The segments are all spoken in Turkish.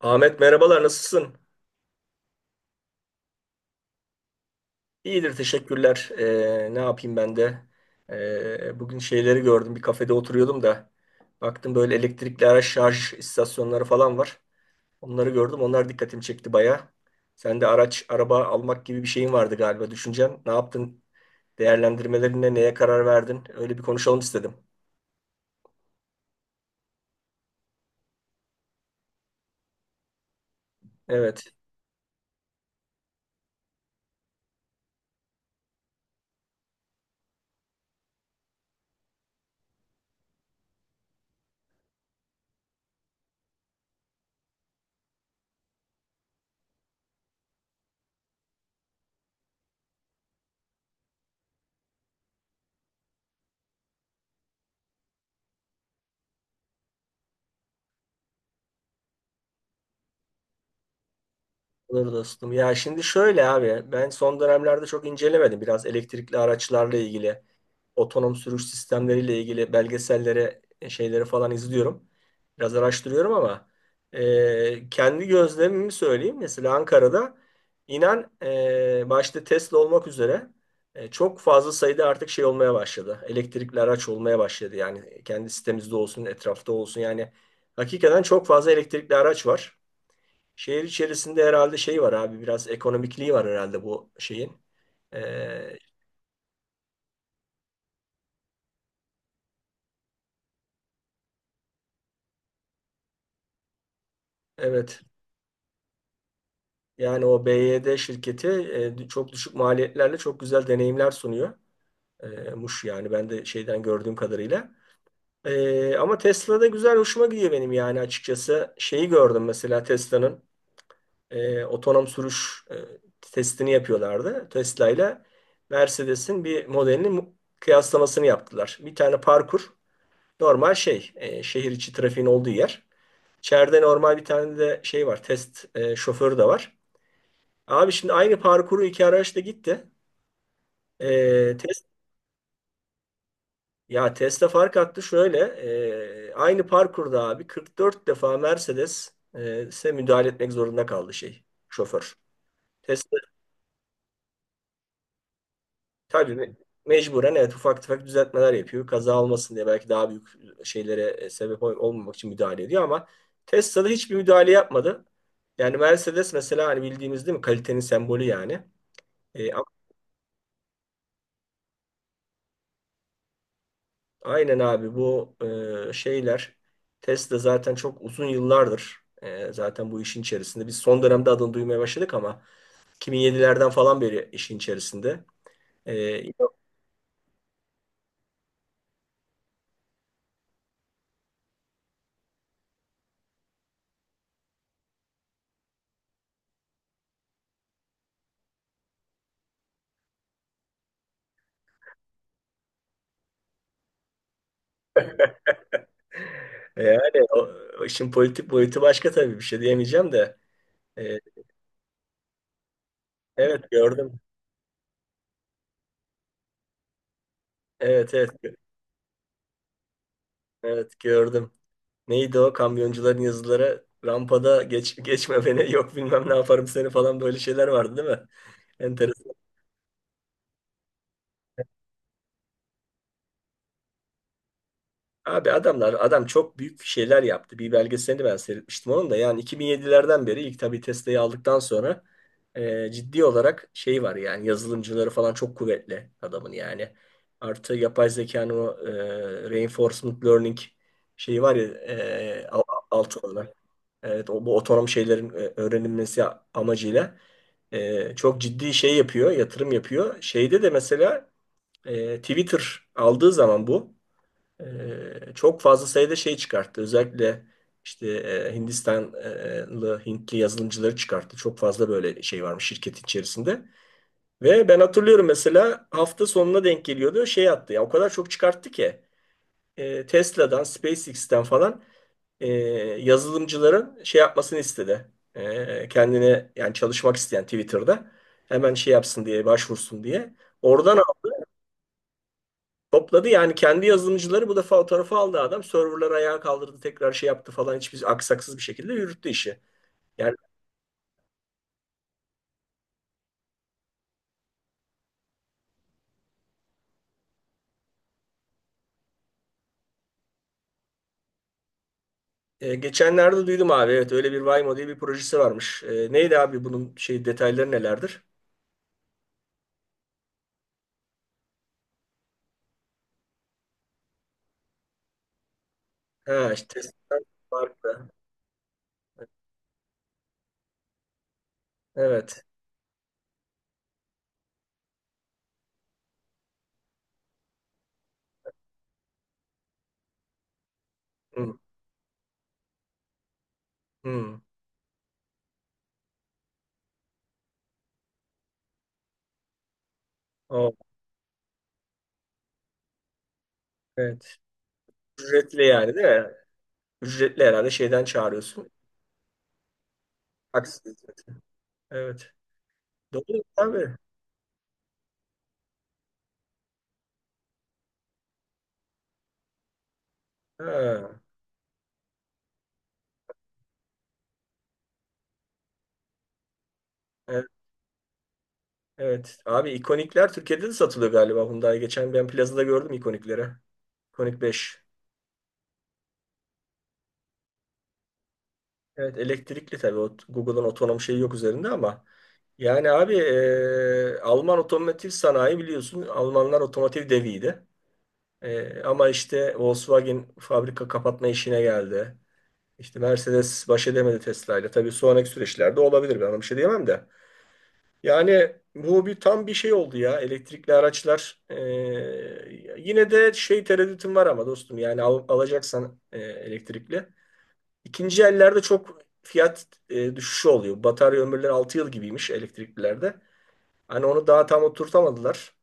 Ahmet merhabalar nasılsın? İyidir teşekkürler. Ne yapayım ben de? Bugün şeyleri gördüm bir kafede oturuyordum da baktım böyle elektrikli araç şarj istasyonları falan var. Onları gördüm onlar dikkatimi çekti baya. Sen de araç araba almak gibi bir şeyin vardı galiba düşüncen. Ne yaptın? Değerlendirmelerinde neye karar verdin? Öyle bir konuşalım istedim. Evet. Olur dostum. Ya şimdi şöyle abi ben son dönemlerde çok incelemedim biraz elektrikli araçlarla ilgili. Otonom sürüş sistemleriyle ilgili belgesellere, şeyleri falan izliyorum. Biraz araştırıyorum ama kendi gözlemimi söyleyeyim. Mesela Ankara'da inan başta Tesla olmak üzere çok fazla sayıda artık şey olmaya başladı. Elektrikli araç olmaya başladı. Yani kendi sitemizde olsun, etrafta olsun. Yani hakikaten çok fazla elektrikli araç var. Şehir içerisinde herhalde şey var abi biraz ekonomikliği var herhalde bu şeyin. E, evet. Yani o BYD şirketi çok düşük maliyetlerle çok güzel deneyimler sunuyor. E, Muş yani ben de şeyden gördüğüm kadarıyla. Ama Tesla'da güzel hoşuma gidiyor benim yani açıkçası. Şeyi gördüm mesela Tesla'nın otonom sürüş testini yapıyorlardı. Tesla ile Mercedes'in bir modelini kıyaslamasını yaptılar. Bir tane parkur normal şey şehir içi trafiğin olduğu yer. İçeride normal bir tane de şey var test şoförü de var. Abi şimdi aynı parkuru iki araçla gitti. Ee, test, Ya Tesla fark attı şöyle. Aynı parkurda abi 44 defa Mercedes size müdahale etmek zorunda kaldı şey şoför. Tesla tabii mecburen evet ufak tefek düzeltmeler yapıyor. Kaza olmasın diye belki daha büyük şeylere sebep olmamak için müdahale ediyor ama Tesla'da hiçbir müdahale yapmadı. Yani Mercedes mesela hani bildiğimiz değil mi kalitenin sembolü yani. E, Aynen abi bu şeyler Tesla zaten çok uzun yıllardır zaten bu işin içerisinde. Biz son dönemde adını duymaya başladık ama 2007'lerden falan beri işin içerisinde. E, Yok. Yani o işin politik boyutu başka tabii bir şey diyemeyeceğim de. E, evet gördüm. Evet, evet, evet gördüm. Neydi o kamyoncuların yazıları rampada geçme beni yok bilmem ne yaparım seni falan böyle şeyler vardı değil mi? Enteresan. Abi adam çok büyük şeyler yaptı. Bir belgeselini ben seyretmiştim onun da. Yani 2007'lerden beri ilk tabii Tesla'yı aldıktan sonra ciddi olarak şey var yani yazılımcıları falan çok kuvvetli adamın yani. Artı yapay zekanın o reinforcement learning şeyi var ya alt alanı. Evet, bu otonom şeylerin öğrenilmesi amacıyla çok ciddi şey yapıyor, yatırım yapıyor. Şeyde de mesela Twitter aldığı zaman bu. Çok fazla sayıda şey çıkarttı. Özellikle işte Hindistanlı, Hintli yazılımcıları çıkarttı. Çok fazla böyle şey varmış şirketin içerisinde. Ve ben hatırlıyorum mesela hafta sonuna denk geliyordu. Şey attı ya o kadar çok çıkarttı ki Tesla'dan, SpaceX'ten falan e, yazılımcıların şey yapmasını istedi. Kendine yani çalışmak isteyen Twitter'da hemen şey yapsın diye başvursun diye. Oradan topladı yani kendi yazılımcıları bu defa o tarafa aldı adam. Serverları ayağa kaldırdı tekrar şey yaptı falan hiçbir aksaksız bir şekilde yürüttü işi. Yani geçenlerde duydum abi evet öyle bir Waymo diye bir projesi varmış. Neydi abi bunun şey detayları nelerdir? Ha işte testler farklı. Evet. Hı, hı. O, evet. Ücretli yani değil mi? Ücretli herhalde şeyden çağırıyorsun. Aksız ücreti. Evet. Doğru abi. Ha, evet. Abi ikonikler Türkiye'de de satılıyor galiba Hyundai. Geçen ben plazada gördüm ikonikleri. İkonik beş. Evet elektrikli tabii. Google'ın otonom şeyi yok üzerinde ama. Yani abi Alman otomotiv sanayi biliyorsun. Almanlar otomotiv deviydi. Ama işte Volkswagen fabrika kapatma işine geldi. İşte Mercedes baş edemedi Tesla ile. Tabii sonraki süreçlerde olabilir. Ben ona bir şey diyemem de. Yani bu bir tam bir şey oldu ya elektrikli araçlar. Yine de şey tereddütüm var ama dostum yani alacaksan elektrikli. İkinci ellerde çok fiyat düşüşü oluyor. Batarya ömürleri 6 yıl gibiymiş elektriklilerde. Hani onu daha tam oturtamadılar.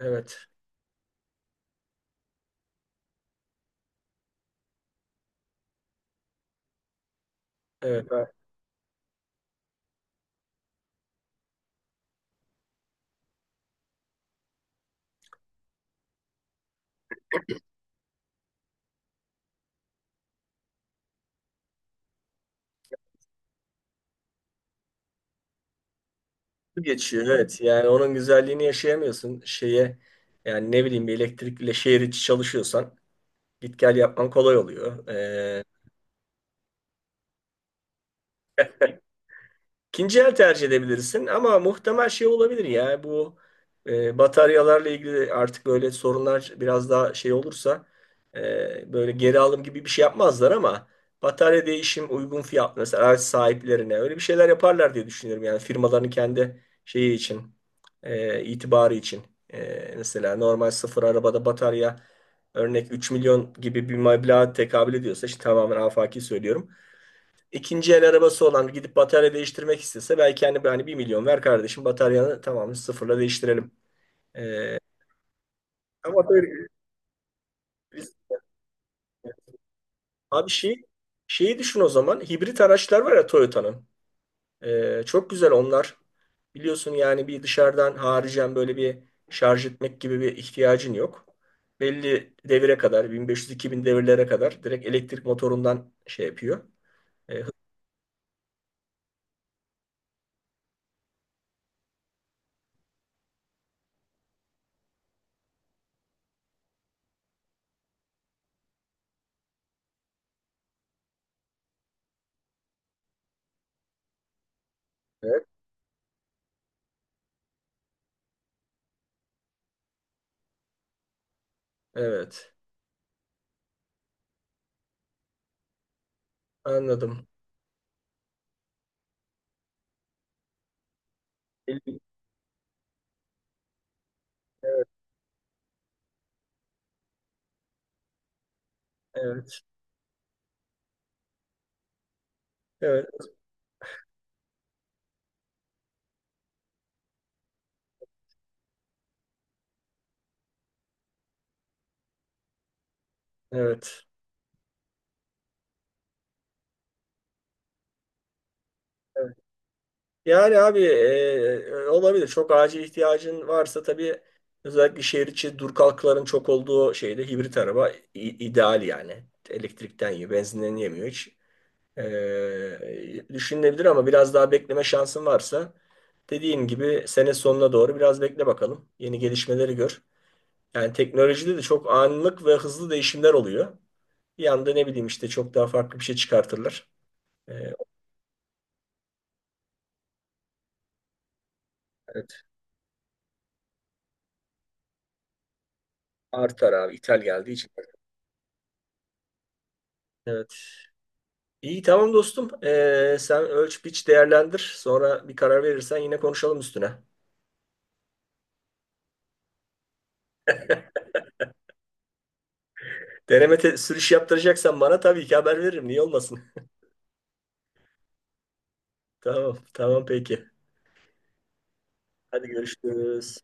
Evet. Evet. Ha, geçiyor evet. Yani onun güzelliğini yaşayamıyorsun. Şeye yani ne bileyim bir elektrikle şehir içi çalışıyorsan git gel yapman kolay oluyor. İkinci el tercih edebilirsin ama muhtemel şey olabilir ya bu bataryalarla ilgili artık böyle sorunlar biraz daha şey olursa böyle geri alım gibi bir şey yapmazlar ama batarya değişim uygun fiyat mesela araç sahiplerine öyle bir şeyler yaparlar diye düşünüyorum yani firmaların kendi şeyi için itibarı için. Mesela normal sıfır arabada batarya örnek 3 milyon gibi bir meblağa tekabül ediyorsa işte tamamen afaki söylüyorum. İkinci el arabası olan gidip batarya değiştirmek istese belki hani 1 milyon ver kardeşim bataryanı tamamen sıfırla değiştirelim. Ee, Ama böyle biz abi şeyi düşün o zaman hibrit araçlar var ya Toyota'nın. Çok güzel onlar. Biliyorsun yani bir dışarıdan haricen böyle bir şarj etmek gibi bir ihtiyacın yok. Belli devire kadar 1500-2000 devirlere kadar direkt elektrik motorundan şey yapıyor. Ee, hız- evet, evet. Anladım. Evet, evet, evet, evet. Evet. Yani abi olabilir. Çok acil ihtiyacın varsa tabii özellikle şehir içi dur kalkların çok olduğu şeyde hibrit araba ideal yani. Elektrikten yiyor, benzinden yemiyor hiç. Düşünülebilir ama biraz daha bekleme şansın varsa dediğim gibi sene sonuna doğru biraz bekle bakalım. Yeni gelişmeleri gör. Yani teknolojide de çok anlık ve hızlı değişimler oluyor. Bir anda ne bileyim işte çok daha farklı bir şey çıkartırlar. E, evet. Artar abi ithal geldiği için. Evet. İyi tamam dostum. Sen ölç biç değerlendir. Sonra bir karar verirsen yine konuşalım üstüne. Deneme sürüş yaptıracaksan bana tabii ki haber veririm. Niye olmasın? Tamam, tamam peki. Hadi görüşürüz.